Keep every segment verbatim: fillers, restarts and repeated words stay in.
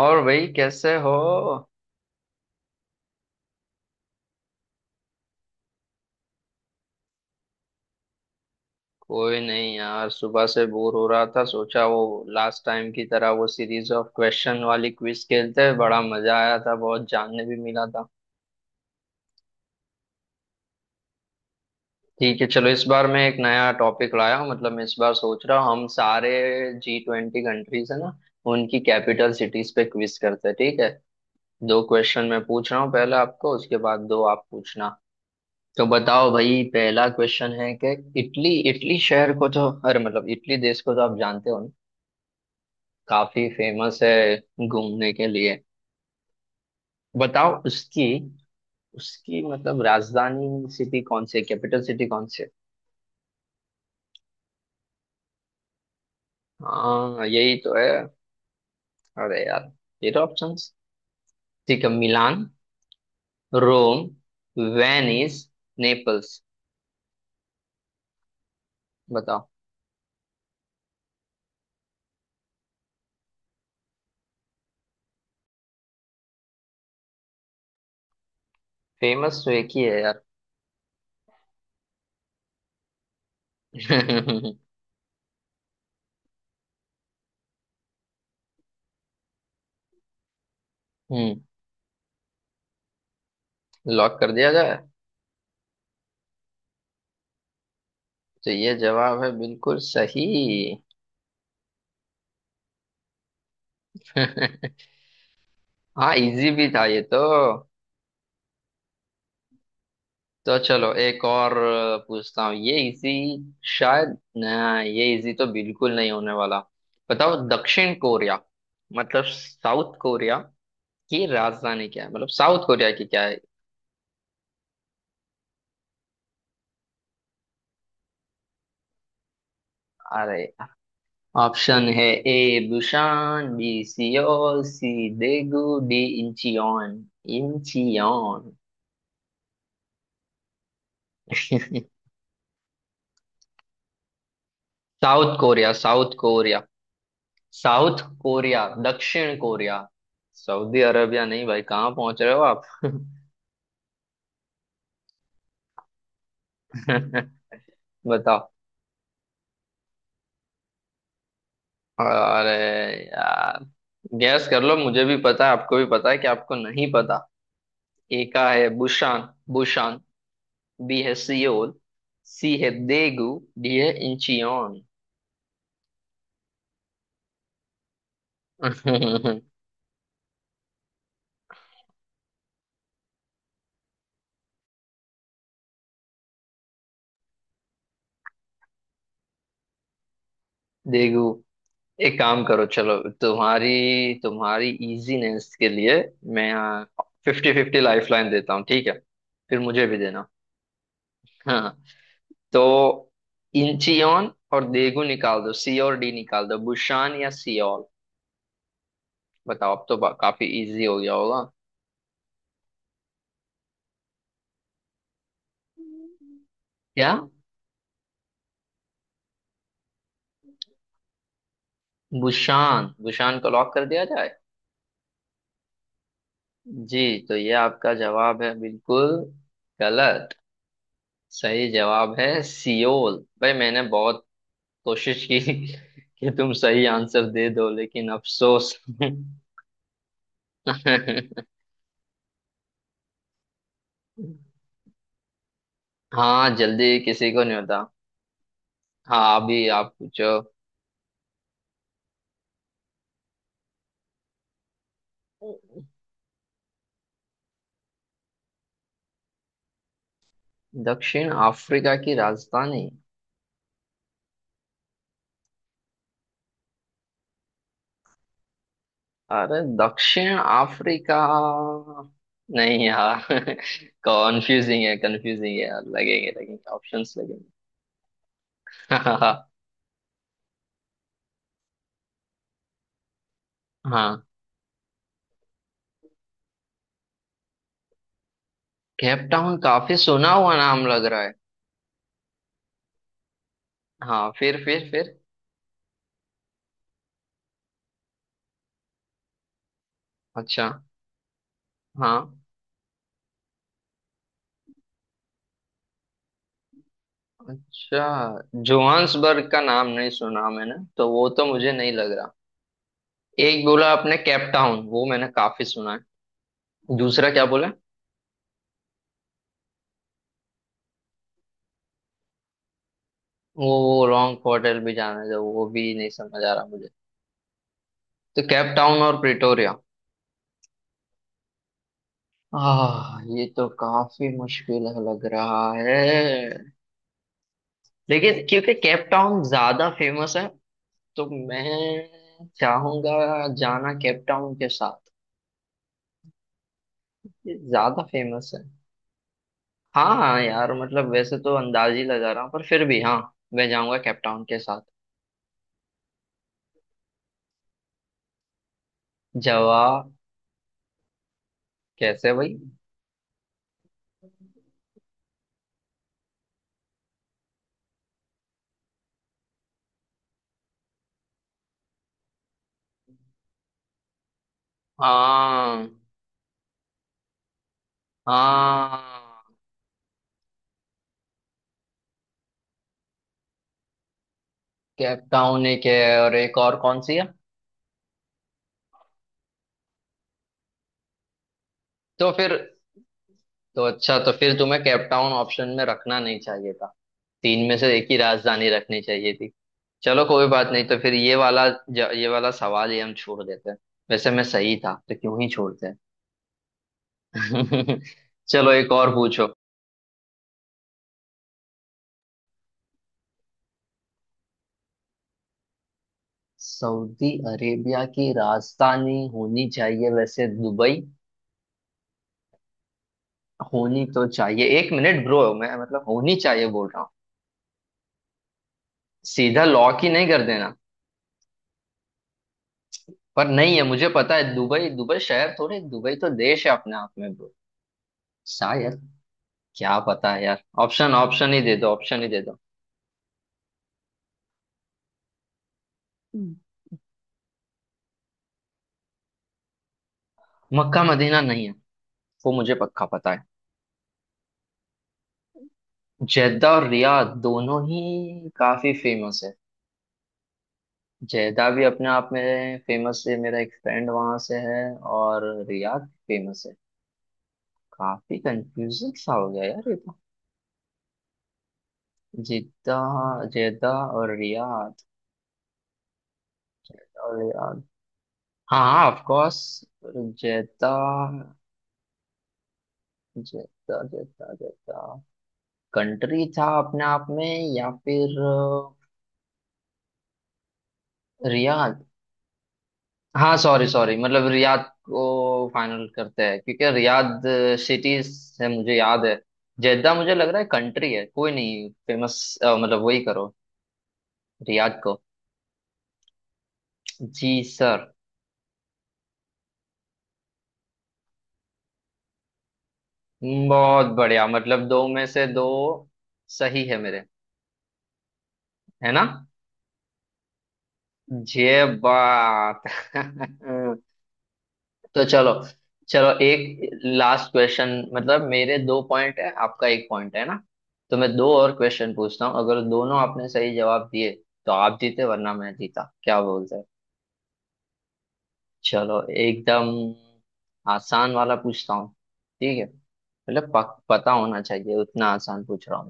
और भाई, कैसे हो? कोई नहीं यार, सुबह से बोर हो रहा था, सोचा वो लास्ट टाइम की तरह वो सीरीज ऑफ क्वेश्चन वाली क्विज खेलते हैं, बड़ा मजा आया था, बहुत जानने भी मिला था। ठीक है, चलो इस बार मैं एक नया टॉपिक लाया हूँ। मतलब मैं इस बार सोच रहा हूँ हम सारे जी ट्वेंटी कंट्रीज है ना, उनकी कैपिटल सिटीज पे क्विज करते हैं, ठीक है। दो क्वेश्चन मैं पूछ रहा हूँ पहले आपको, उसके बाद दो आप पूछना। तो बताओ भाई, पहला क्वेश्चन है कि इटली इटली शहर को तो अरे मतलब इटली देश को तो आप जानते हो ना, काफी फेमस है घूमने के लिए। बताओ उसकी उसकी मतलब राजधानी सिटी कौन सी है, कैपिटल सिटी कौन सी है? हाँ, यही तो है। अरे यार, ये तो ऑप्शंस। ठीक है, मिलान, रोम, वेनिस, नेपल्स। बताओ, फेमस तो एक ही है यार। हम्म, लॉक कर दिया जाए। तो ये जवाब है बिल्कुल सही। हाँ, इजी भी था ये तो। तो चलो एक और अ, पूछता हूँ, ये इजी शायद ना, ये इजी तो बिल्कुल नहीं होने वाला। बताओ, दक्षिण कोरिया मतलब साउथ कोरिया की राजधानी क्या है, मतलब साउथ कोरिया की क्या है? अरे, ऑप्शन है। A Busan, B Seoul, C Daegu, D Incheon. Incheon. South Korea, South Korea, South Korea, दक्षिण कोरिया। सऊदी अरबिया नहीं भाई, कहाँ पहुंच रहे हो आप? बताओ। अरे यार, गैस कर लो, मुझे भी पता है आपको भी पता है कि आपको नहीं पता। ए का है बुशान बुशान। बी है सियोल, सी है देगू, डी है इंचियोन। देगू। एक काम करो, चलो तुम्हारी तुम्हारी इजीनेस के लिए मैं फिफ्टी फिफ्टी लाइफ लाइन देता हूँ, ठीक है? फिर मुझे भी देना। हाँ, तो इंचियोन और देगू निकाल दो, सी और डी निकाल दो, बुशान या सियोल? बताओ, अब तो बा- काफी इजी हो गया होगा। क्या, बुशान? बुशान को लॉक कर दिया जाए? जी, तो ये आपका जवाब है बिल्कुल गलत। सही जवाब है सियोल। भाई, मैंने बहुत कोशिश की कि तुम सही आंसर दे दो, लेकिन अफसोस। हाँ, जल्दी किसी को नहीं होता। हाँ, अभी आप पूछो। दक्षिण अफ्रीका की राजधानी? अरे, दक्षिण अफ्रीका? नहीं यार, कॉन्फ्यूजिंग है, कंफ्यूजिंग है यार। लगेंगे, लगेंगे ऑप्शंस लगेंगे। हाँ, केप टाउन काफी सुना हुआ नाम लग रहा है। हाँ, फिर फिर फिर। अच्छा, हाँ। अच्छा, जोहान्सबर्ग का नाम नहीं सुना मैंने तो, वो तो मुझे नहीं लग रहा। एक बोला आपने केप टाउन, वो मैंने काफी सुना है। दूसरा क्या बोला? वो वो लॉन्ग होटल भी जाना है तो वो भी नहीं समझ आ रहा मुझे। तो केप टाउन और प्रिटोरिया। आह, ये तो काफी मुश्किल लग रहा है। लेकिन क्योंकि केप टाउन ज्यादा फेमस है, तो मैं चाहूंगा जाना केप टाउन के साथ, ये ज्यादा फेमस है। हाँ हाँ यार, मतलब वैसे तो अंदाज ही लगा रहा हूँ, पर फिर भी हाँ, मैं जाऊंगा कैपटाउन के साथ। जवा, कैसे भाई? हाँ हाँ। कैपटाउन एक है, और एक और कौन सी है? तो फिर? तो अच्छा, तो फिर तुम्हें कैपटाउन ऑप्शन में रखना नहीं चाहिए था, तीन में से एक ही राजधानी रखनी चाहिए थी। चलो कोई बात नहीं, तो फिर ये वाला ज, ये वाला सवाल ही हम छोड़ देते हैं। वैसे मैं सही था, तो क्यों ही छोड़ते हैं। चलो एक और पूछो। सऊदी अरेबिया की राजधानी होनी चाहिए वैसे दुबई। होनी तो चाहिए, एक मिनट ब्रो, मैं मतलब होनी चाहिए बोल रहा हूँ, सीधा लॉक ही नहीं कर देना। पर नहीं है, मुझे पता है, दुबई, दुबई शहर थोड़े, दुबई तो देश है अपने आप में ब्रो। शायद क्या पता है यार, ऑप्शन ऑप्शन ही दे दो, ऑप्शन ही दे दो। हम्म। मक्का मदीना नहीं है, वो मुझे पक्का पता है। जेद्दा और रियाद दोनों ही काफी फेमस है। जेदा भी अपने आप में फेमस है, मेरा एक फ्रेंड वहां से है। और रियाद फेमस है। काफी कंफ्यूजन सा हो गया यार ये तो। जिद्दा, जेदा और रियाद। जेदा और रियाद। हाँ हाँ, ऑफ कोर्स। जेदा, जेदा, जेदा, जेदा कंट्री था अपने आप में, या फिर अ, रियाद। हाँ, सॉरी सॉरी, मतलब रियाद को फाइनल करते हैं क्योंकि रियाद सिटी है, मुझे याद है। जेद्दा मुझे लग रहा है कंट्री है, कोई नहीं फेमस। मतलब वही करो, रियाद को। जी सर। बहुत बढ़िया, मतलब दो में से दो सही है मेरे। है ना ये बात? तो चलो, चलो एक लास्ट क्वेश्चन, मतलब मेरे दो पॉइंट है आपका एक पॉइंट है ना, तो मैं दो और क्वेश्चन पूछता हूँ, अगर दोनों आपने सही जवाब दिए तो आप जीते वरना मैं जीता, क्या बोलते हैं? चलो, एकदम आसान वाला पूछता हूँ, ठीक है, मतलब पक- पता होना चाहिए, उतना आसान पूछ रहा हूँ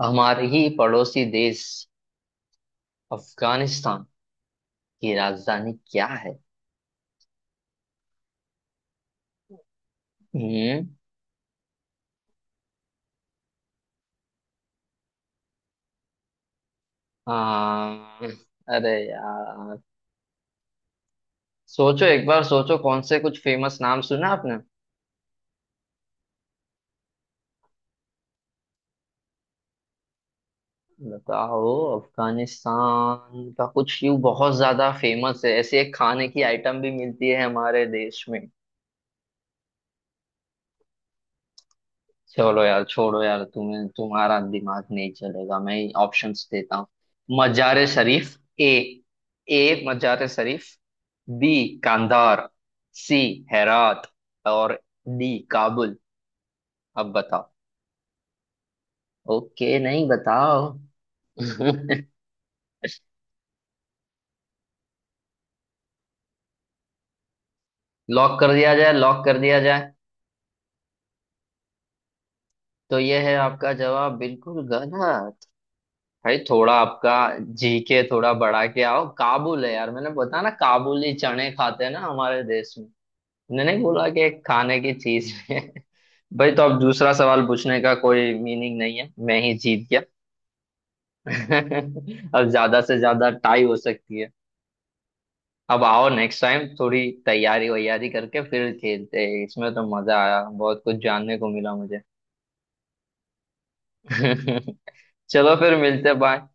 मैं। हमारे ही पड़ोसी देश अफगानिस्तान की राजधानी क्या है? हम्म। आ, अरे यार, सोचो, एक बार सोचो, कौन से कुछ फेमस नाम सुना आपने? बताओ, अफगानिस्तान का कुछ यूं बहुत ज्यादा फेमस है, ऐसे एक खाने की आइटम भी मिलती है हमारे देश में। चलो यार, छोड़ो यार, तुम्हें तुम्हारा दिमाग नहीं चलेगा, मैं ही ऑप्शंस देता हूँ। मजार शरीफ, ए, A Mazar Sharif, B Kandahar, C Herat, और डी काबुल। अब बताओ। ओके नहीं, बताओ। लॉक कर दिया जाए, लॉक कर दिया जाए। तो ये है आपका जवाब बिल्कुल गलत। भाई थोड़ा आपका जी के थोड़ा बढ़ा के आओ, काबुल है यार, मैंने बताया ना, काबुली चने खाते हैं ना हमारे देश में। मैंने नहीं बोला कि एक खाने की चीज है? भाई तो अब दूसरा सवाल पूछने का कोई मीनिंग नहीं है, मैं ही जीत गया। अब ज्यादा से ज्यादा टाई हो सकती है। अब आओ, नेक्स्ट टाइम थोड़ी तैयारी वैयारी करके फिर खेलते हैं, इसमें तो मजा आया, बहुत कुछ जानने को मिला मुझे। चलो फिर, मिलते हैं, बाय।